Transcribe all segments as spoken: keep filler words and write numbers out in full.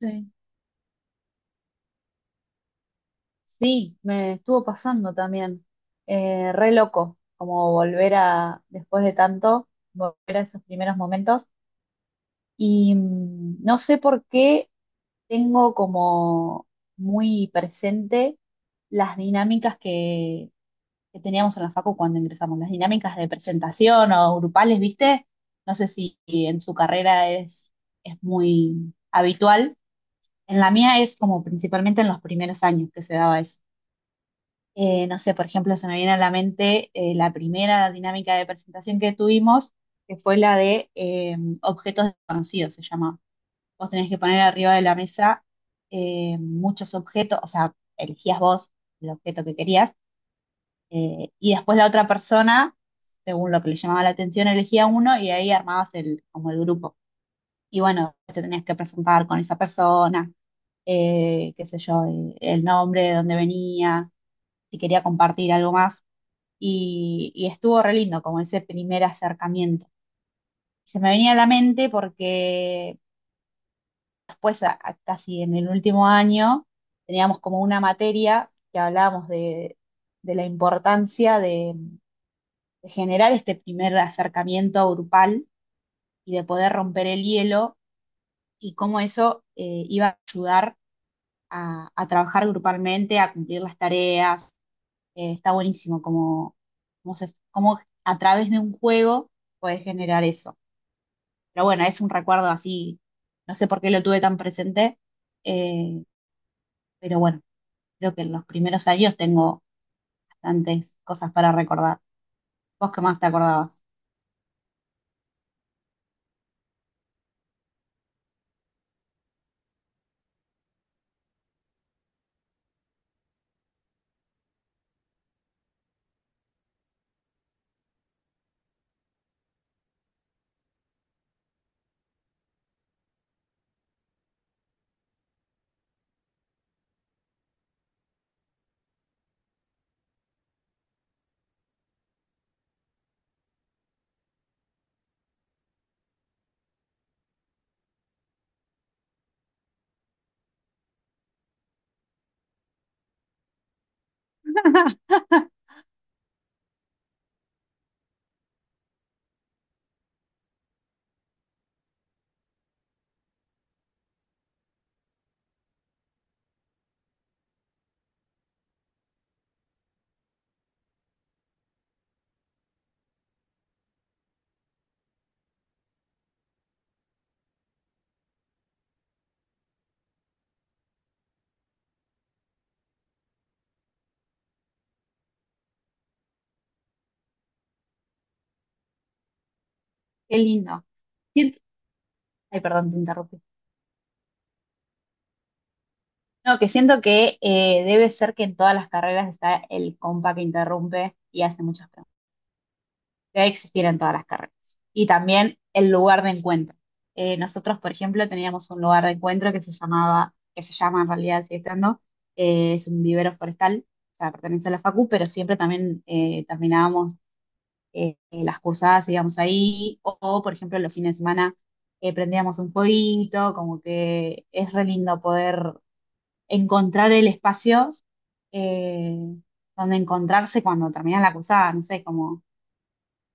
Sí, sí, me estuvo pasando también. Eh, re loco, como volver a, después de tanto, volver a esos primeros momentos. Y mm, no sé por qué tengo como muy presente las dinámicas que, que teníamos en la facu cuando ingresamos, las dinámicas de presentación o grupales, ¿viste? No sé si en su carrera es, es muy habitual. En la mía es como principalmente en los primeros años que se daba eso. Eh, no sé, por ejemplo, se me viene a la mente eh, la primera dinámica de presentación que tuvimos, que fue la de eh, objetos desconocidos, se llama. Vos tenés que poner arriba de la mesa eh, muchos objetos, o sea, elegías vos el objeto que querías, eh, y después la otra persona, según lo que le llamaba la atención, elegía uno y ahí armabas el, como el grupo. Y bueno, te tenías que presentar con esa persona, eh, qué sé yo, eh, el nombre, de dónde venía, si quería compartir algo más y, y estuvo re lindo como ese primer acercamiento. Se me venía a la mente porque después, a- a- casi en el último año, teníamos como una materia que hablábamos de, de la importancia de, de generar este primer acercamiento grupal y de poder romper el hielo y cómo eso eh, iba a ayudar a, a trabajar grupalmente, a cumplir las tareas. Eh, está buenísimo como, como se- como a través de un juego puedes generar eso. Pero bueno, es un recuerdo así, no sé por qué lo tuve tan presente, eh, pero bueno, creo que en los primeros años tengo bastantes cosas para recordar. ¿Vos qué más te acordabas? Qué lindo. Siento- Ay, perdón, te interrumpí. No, que siento que eh, debe ser que en todas las carreras está el compa que interrumpe y hace muchas preguntas. Debe existir en todas las carreras. Y también el lugar de encuentro. Eh, nosotros, por ejemplo, teníamos un lugar de encuentro que se llamaba, que se llama en realidad, sigue estando, eh, es un vivero forestal, o sea, pertenece a la Facu, pero siempre también eh, terminábamos eh, las cursadas, íbamos ahí, o, o, por ejemplo, los fines de semana eh, prendíamos un fueguito, como que es re lindo poder encontrar el espacio eh, donde encontrarse cuando termina la cursada, no sé, como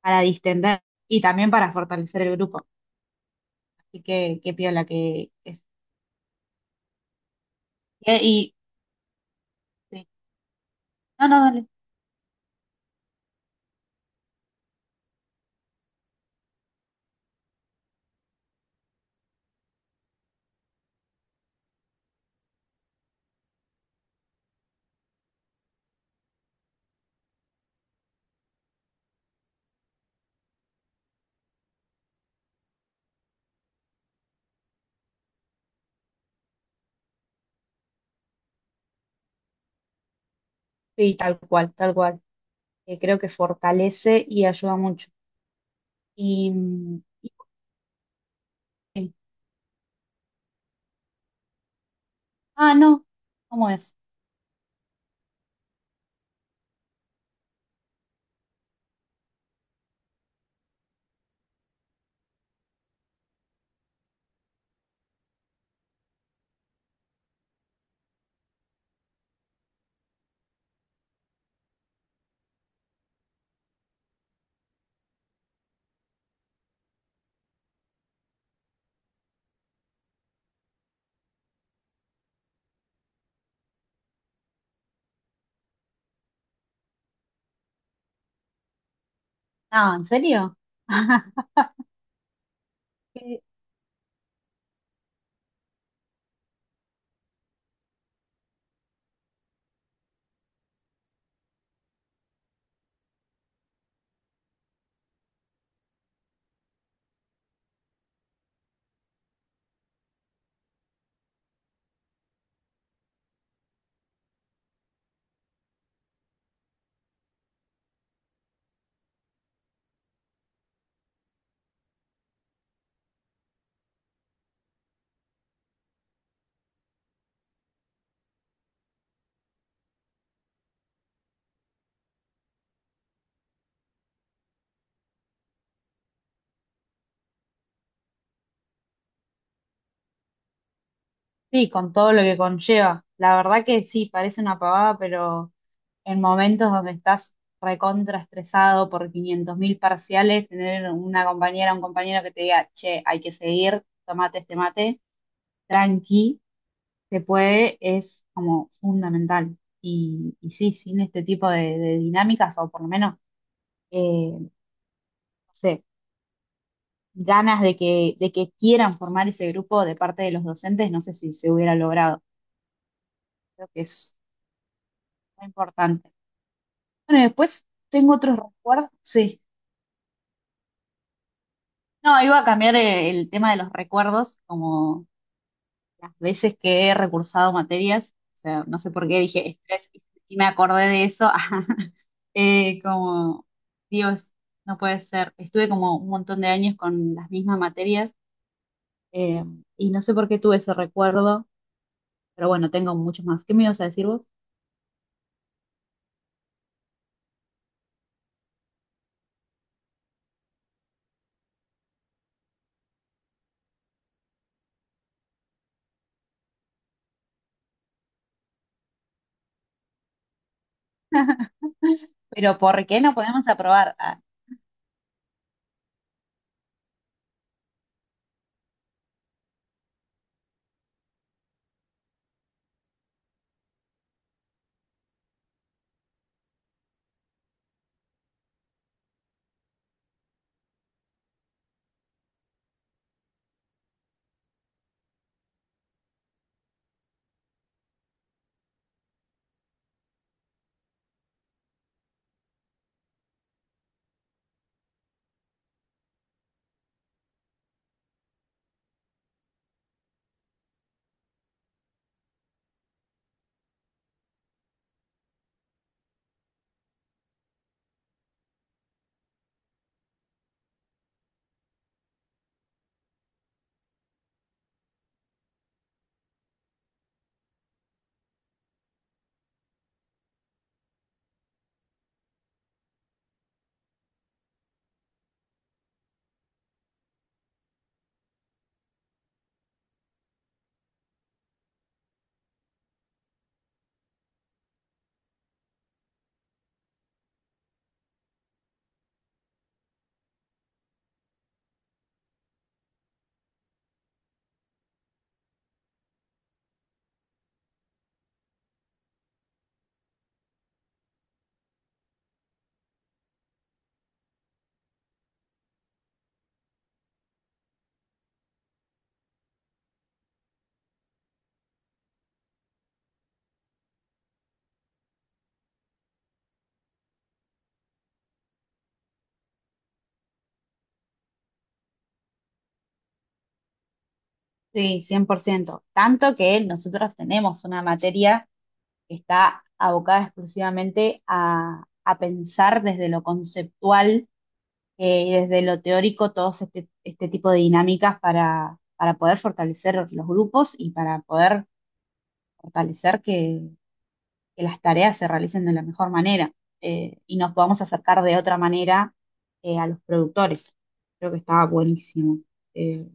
para distender y también para fortalecer el grupo. Así que qué piola que, que- y sí. No, no, dale. Sí, tal cual, tal cual. Eh, creo que fortalece y ayuda mucho. Y, y- ah, no, ¿cómo es? Ah, ¿en serio? Sí, sí, con todo lo que conlleva. La verdad que sí, parece una pavada, pero en momentos donde estás recontra estresado por quinientos mil parciales, tener una compañera o un compañero que te diga, che, hay que seguir, tomate este mate, tranqui se puede, es como fundamental. Y, y sí, sin este tipo de, de dinámicas, o por lo menos, eh, no sé, ganas de que, de que quieran formar ese grupo de parte de los docentes, no sé si se hubiera logrado. Creo que es muy importante. Bueno, y después tengo otros recuerdos. Sí. No, iba a cambiar eh, el tema de los recuerdos, como las veces que he recursado materias. O sea, no sé por qué dije estrés y y me acordé de eso. Eh, como, Dios, no puede ser. Estuve como un montón de años con las mismas materias eh, y no sé por qué tuve ese recuerdo, pero bueno, tengo muchos más. ¿Qué me ibas a decir vos? Pero ¿por qué no podemos aprobar? Ah, sí, cien por ciento. Tanto que nosotros tenemos una materia que está abocada exclusivamente a, a pensar desde lo conceptual eh, y desde lo teórico todos este, este tipo de dinámicas para, para poder fortalecer los grupos y para poder fortalecer que, que las tareas se realicen de la mejor manera eh, y nos podamos acercar de otra manera eh, a los productores. Creo que estaba buenísimo. Eh,